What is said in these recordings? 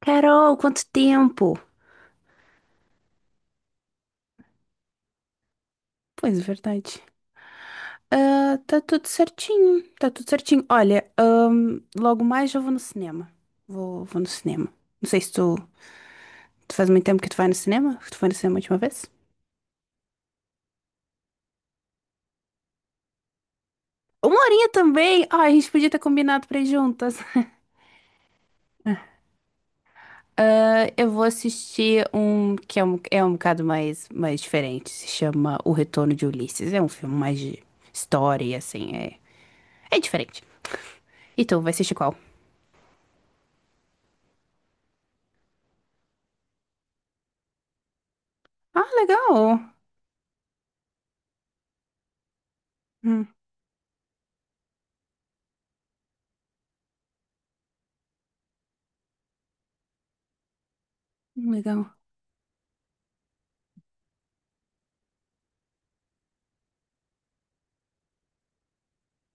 Carol, quanto tempo? Pois é, verdade. Ah, tá tudo certinho, tá tudo certinho. Olha, logo mais eu vou no cinema. Vou no cinema. Não sei se tu, tu faz muito tempo que tu vai no cinema. Tu foi no cinema a última vez? Uma horinha também! Ah, a gente podia ter combinado pra ir juntas. Ah, eu vou assistir um que é é um bocado mais diferente. Se chama O Retorno de Ulisses. É um filme mais de história, e assim, é diferente. E tu vai assistir qual? Ah, legal! Legal.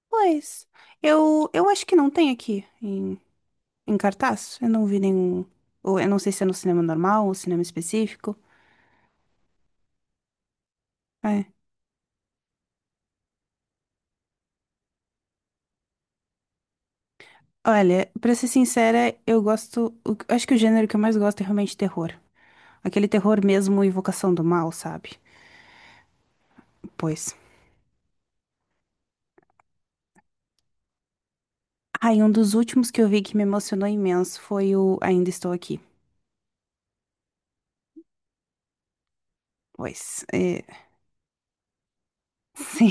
Pois, eu acho que não tem aqui em cartaz. Eu não vi nenhum. Ou eu não sei se é no cinema normal ou cinema específico. É. Olha, pra ser sincera, eu gosto. Acho que o gênero que eu mais gosto é realmente terror. Aquele terror mesmo, evocação do mal, sabe? Pois. Ah, e um dos últimos que eu vi que me emocionou imenso foi o Ainda Estou Aqui. Pois, é, sim.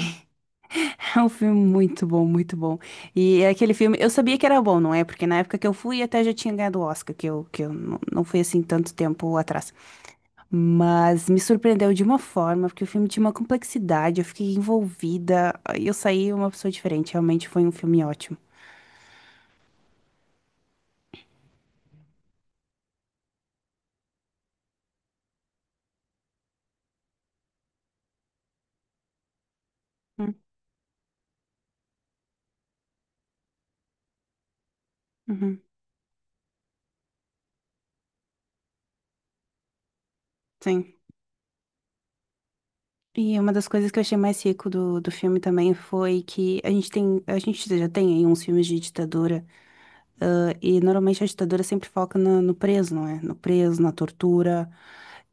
É um filme muito bom, muito bom. E é aquele filme, eu sabia que era bom, não é? Porque na época que eu fui até já tinha ganhado o Oscar, que eu, não fui assim tanto tempo atrás. Mas me surpreendeu de uma forma, porque o filme tinha uma complexidade, eu fiquei envolvida, e eu saí uma pessoa diferente. Realmente foi um filme ótimo. Hum, uhum, sim. E uma das coisas que eu achei mais rico do filme também foi que a gente tem, a gente já tem aí uns filmes de ditadura. Ah, e normalmente a ditadura sempre foca no preso, não é? No preso, na tortura.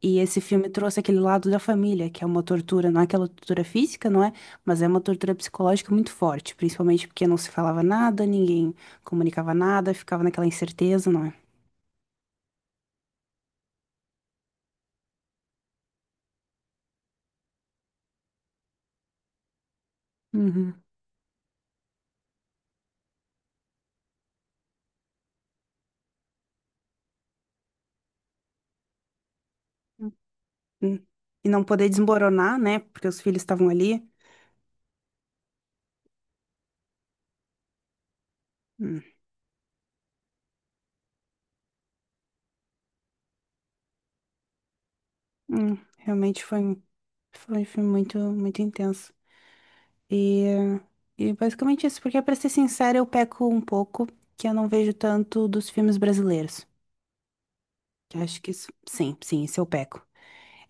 E esse filme trouxe aquele lado da família, que é uma tortura, não é aquela tortura física, não é? Mas é uma tortura psicológica muito forte, principalmente porque não se falava nada, ninguém comunicava nada, ficava naquela incerteza, não é? Uhum. Hum. E não poder desmoronar, né? Porque os filhos estavam ali. Hum. Realmente foi um filme muito, muito intenso. E, e basicamente isso, porque pra ser sincera, eu peco um pouco que eu não vejo tanto dos filmes brasileiros. Que eu acho que isso, sim, sim, isso eu peco.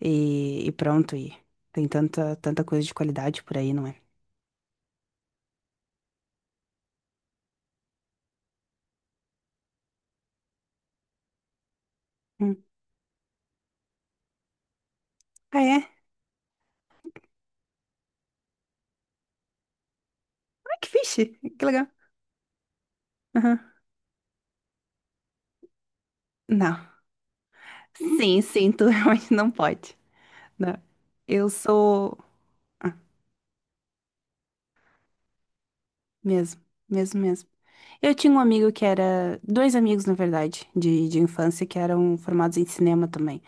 E pronto, e tem tanta, tanta coisa de qualidade por aí, não é? Hum. Ah, é? Ah, que fixe! Que legal. Aham. Não. Sim, sim, tu realmente não pode. Não. Eu sou. Ah, mesmo, mesmo, mesmo. Eu tinha um amigo que era. Dois amigos, na verdade, de infância, que eram formados em cinema também.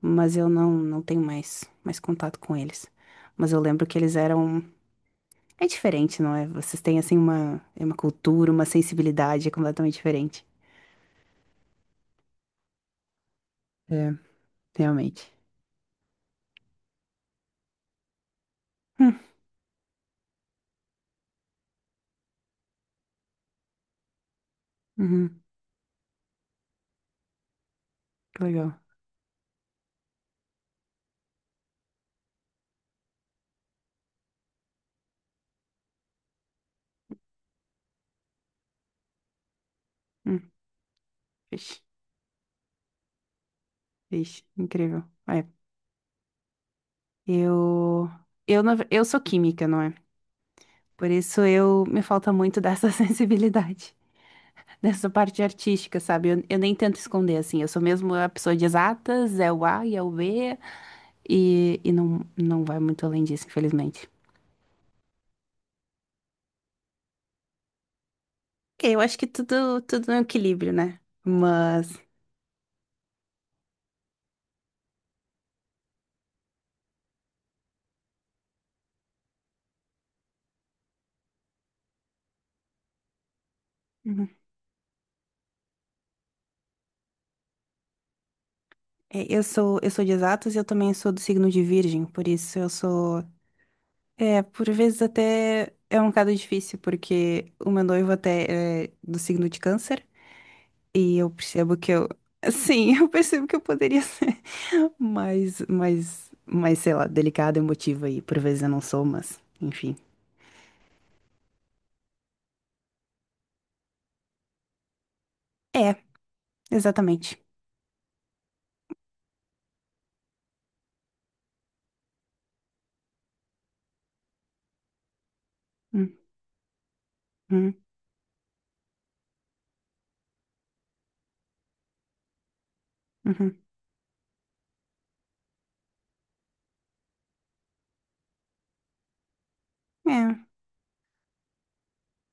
Mas eu não tenho mais contato com eles. Mas eu lembro que eles eram. É diferente, não é? Vocês têm, assim, é uma cultura, uma sensibilidade é completamente diferente. É, realmente. Hum, uhum, que legal. Hum, vixe, vixe, incrível. É, eu, eu sou química, não é? Por isso eu me falta muito dessa sensibilidade, dessa parte artística, sabe? Eu nem tento esconder, assim. Eu sou mesmo a pessoa de exatas, é o A e é o B. E, e não, não vai muito além disso, infelizmente. Ok, eu acho que tudo, tudo é um equilíbrio, né? Mas uhum. É, eu sou de exatas e eu também sou do signo de Virgem, por isso eu sou. É, por vezes até é um bocado difícil, porque o meu noivo até é do signo de Câncer e eu percebo que eu. Sim, eu percebo que eu poderia ser mais, sei lá, delicada, emotiva e por vezes eu não sou, mas enfim. É, exatamente. Hum, hum, uhum. É.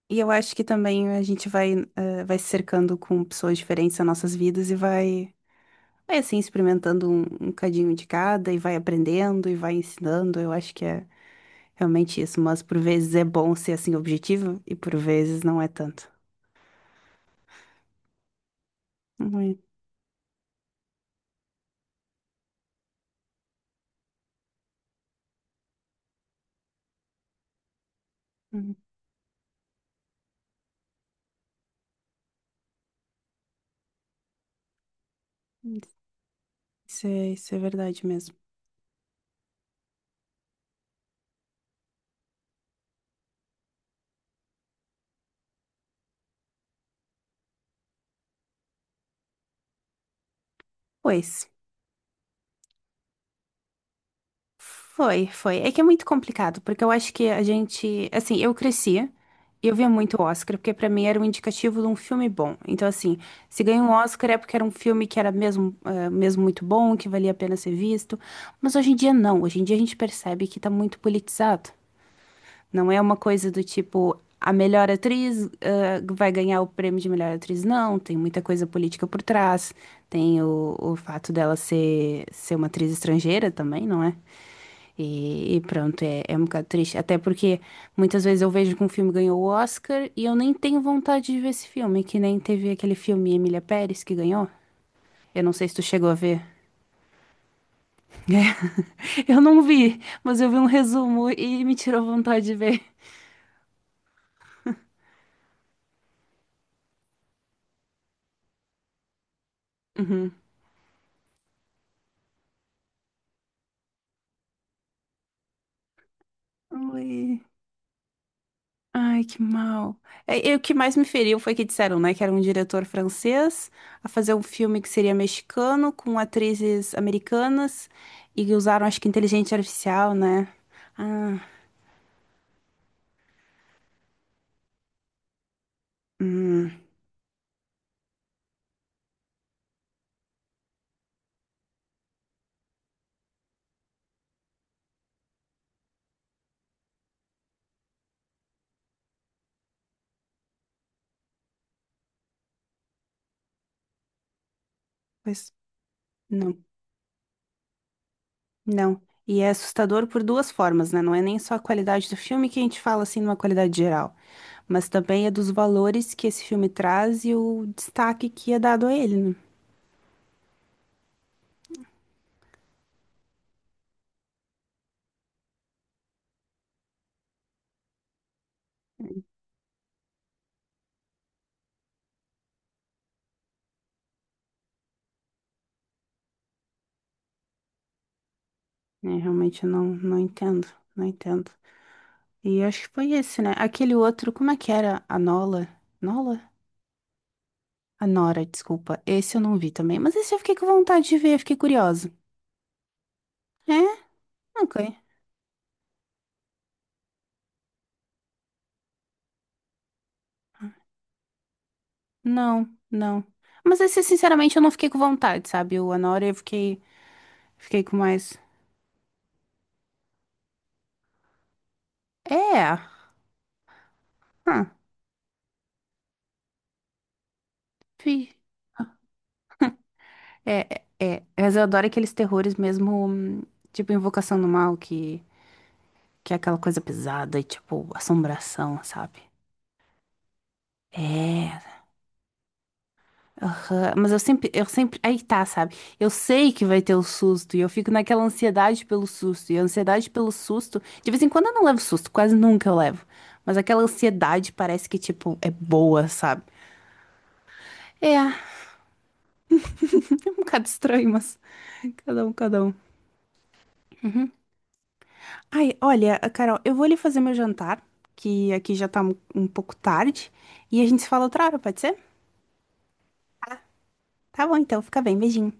E eu acho que também a gente vai, vai se cercando com pessoas diferentes nas nossas vidas e vai assim, experimentando um cadinho de cada e vai aprendendo e vai ensinando. Eu acho que é realmente isso. Mas por vezes é bom ser assim objetivo e por vezes não é tanto. Uhum. Uhum. Isso é verdade mesmo. Pois. Foi, foi. É que é muito complicado, porque eu acho que a gente, assim, eu cresci e eu via muito Oscar, porque pra mim era um indicativo de um filme bom. Então, assim, se ganha um Oscar é porque era um filme que era mesmo, mesmo muito bom, que valia a pena ser visto. Mas hoje em dia não. Hoje em dia a gente percebe que tá muito politizado. Não é uma coisa do tipo, a melhor atriz, ah, vai ganhar o prêmio de melhor atriz. Não, tem muita coisa política por trás. Tem o fato dela ser, ser uma atriz estrangeira também, não é? E pronto, é, é um bocado triste. Até porque muitas vezes eu vejo que um filme ganhou o Oscar e eu nem tenho vontade de ver esse filme, que nem teve aquele filme Emília Pérez que ganhou. Eu não sei se tu chegou a ver. Eu não vi, mas eu vi um resumo e me tirou vontade de ver. Uhum. Ui. Ai, que mal. É, e o que mais me feriu foi que disseram, né, que era um diretor francês a fazer um filme que seria mexicano com atrizes americanas e usaram, acho que, inteligência artificial, né? Ah, hum, pois não, não. E é assustador por duas formas, né? Não é nem só a qualidade do filme que a gente fala assim numa qualidade geral, mas também é dos valores que esse filme traz e o destaque que é dado a ele, né? É, realmente eu não, não entendo, não entendo. E acho que foi esse, né? Aquele outro, como é que era? A Nola? Nola? A Nora, desculpa. Esse eu não vi também. Mas esse eu fiquei com vontade de ver, fiquei curiosa. É? Ok. Não, não. Mas esse, sinceramente, eu não fiquei com vontade, sabe? O Anora eu fiquei, fiquei com mais. É. Hã, fi. É, é, é. Mas eu adoro aqueles terrores mesmo, tipo Invocação do Mal, que é aquela coisa pesada e tipo assombração, sabe? É. Aham, mas eu sempre, aí tá, sabe? Eu sei que vai ter o susto e eu fico naquela ansiedade pelo susto. E a ansiedade pelo susto, de vez em quando eu não levo susto, quase nunca eu levo. Mas aquela ansiedade parece que, tipo, é boa, sabe? É, é um bocado estranho, mas cada um, cada um. Uhum. Ai, olha, Carol, eu vou ali fazer meu jantar, que aqui já tá um pouco tarde, e a gente se fala outra hora, pode ser? Tá bom, então, fica bem, beijinho.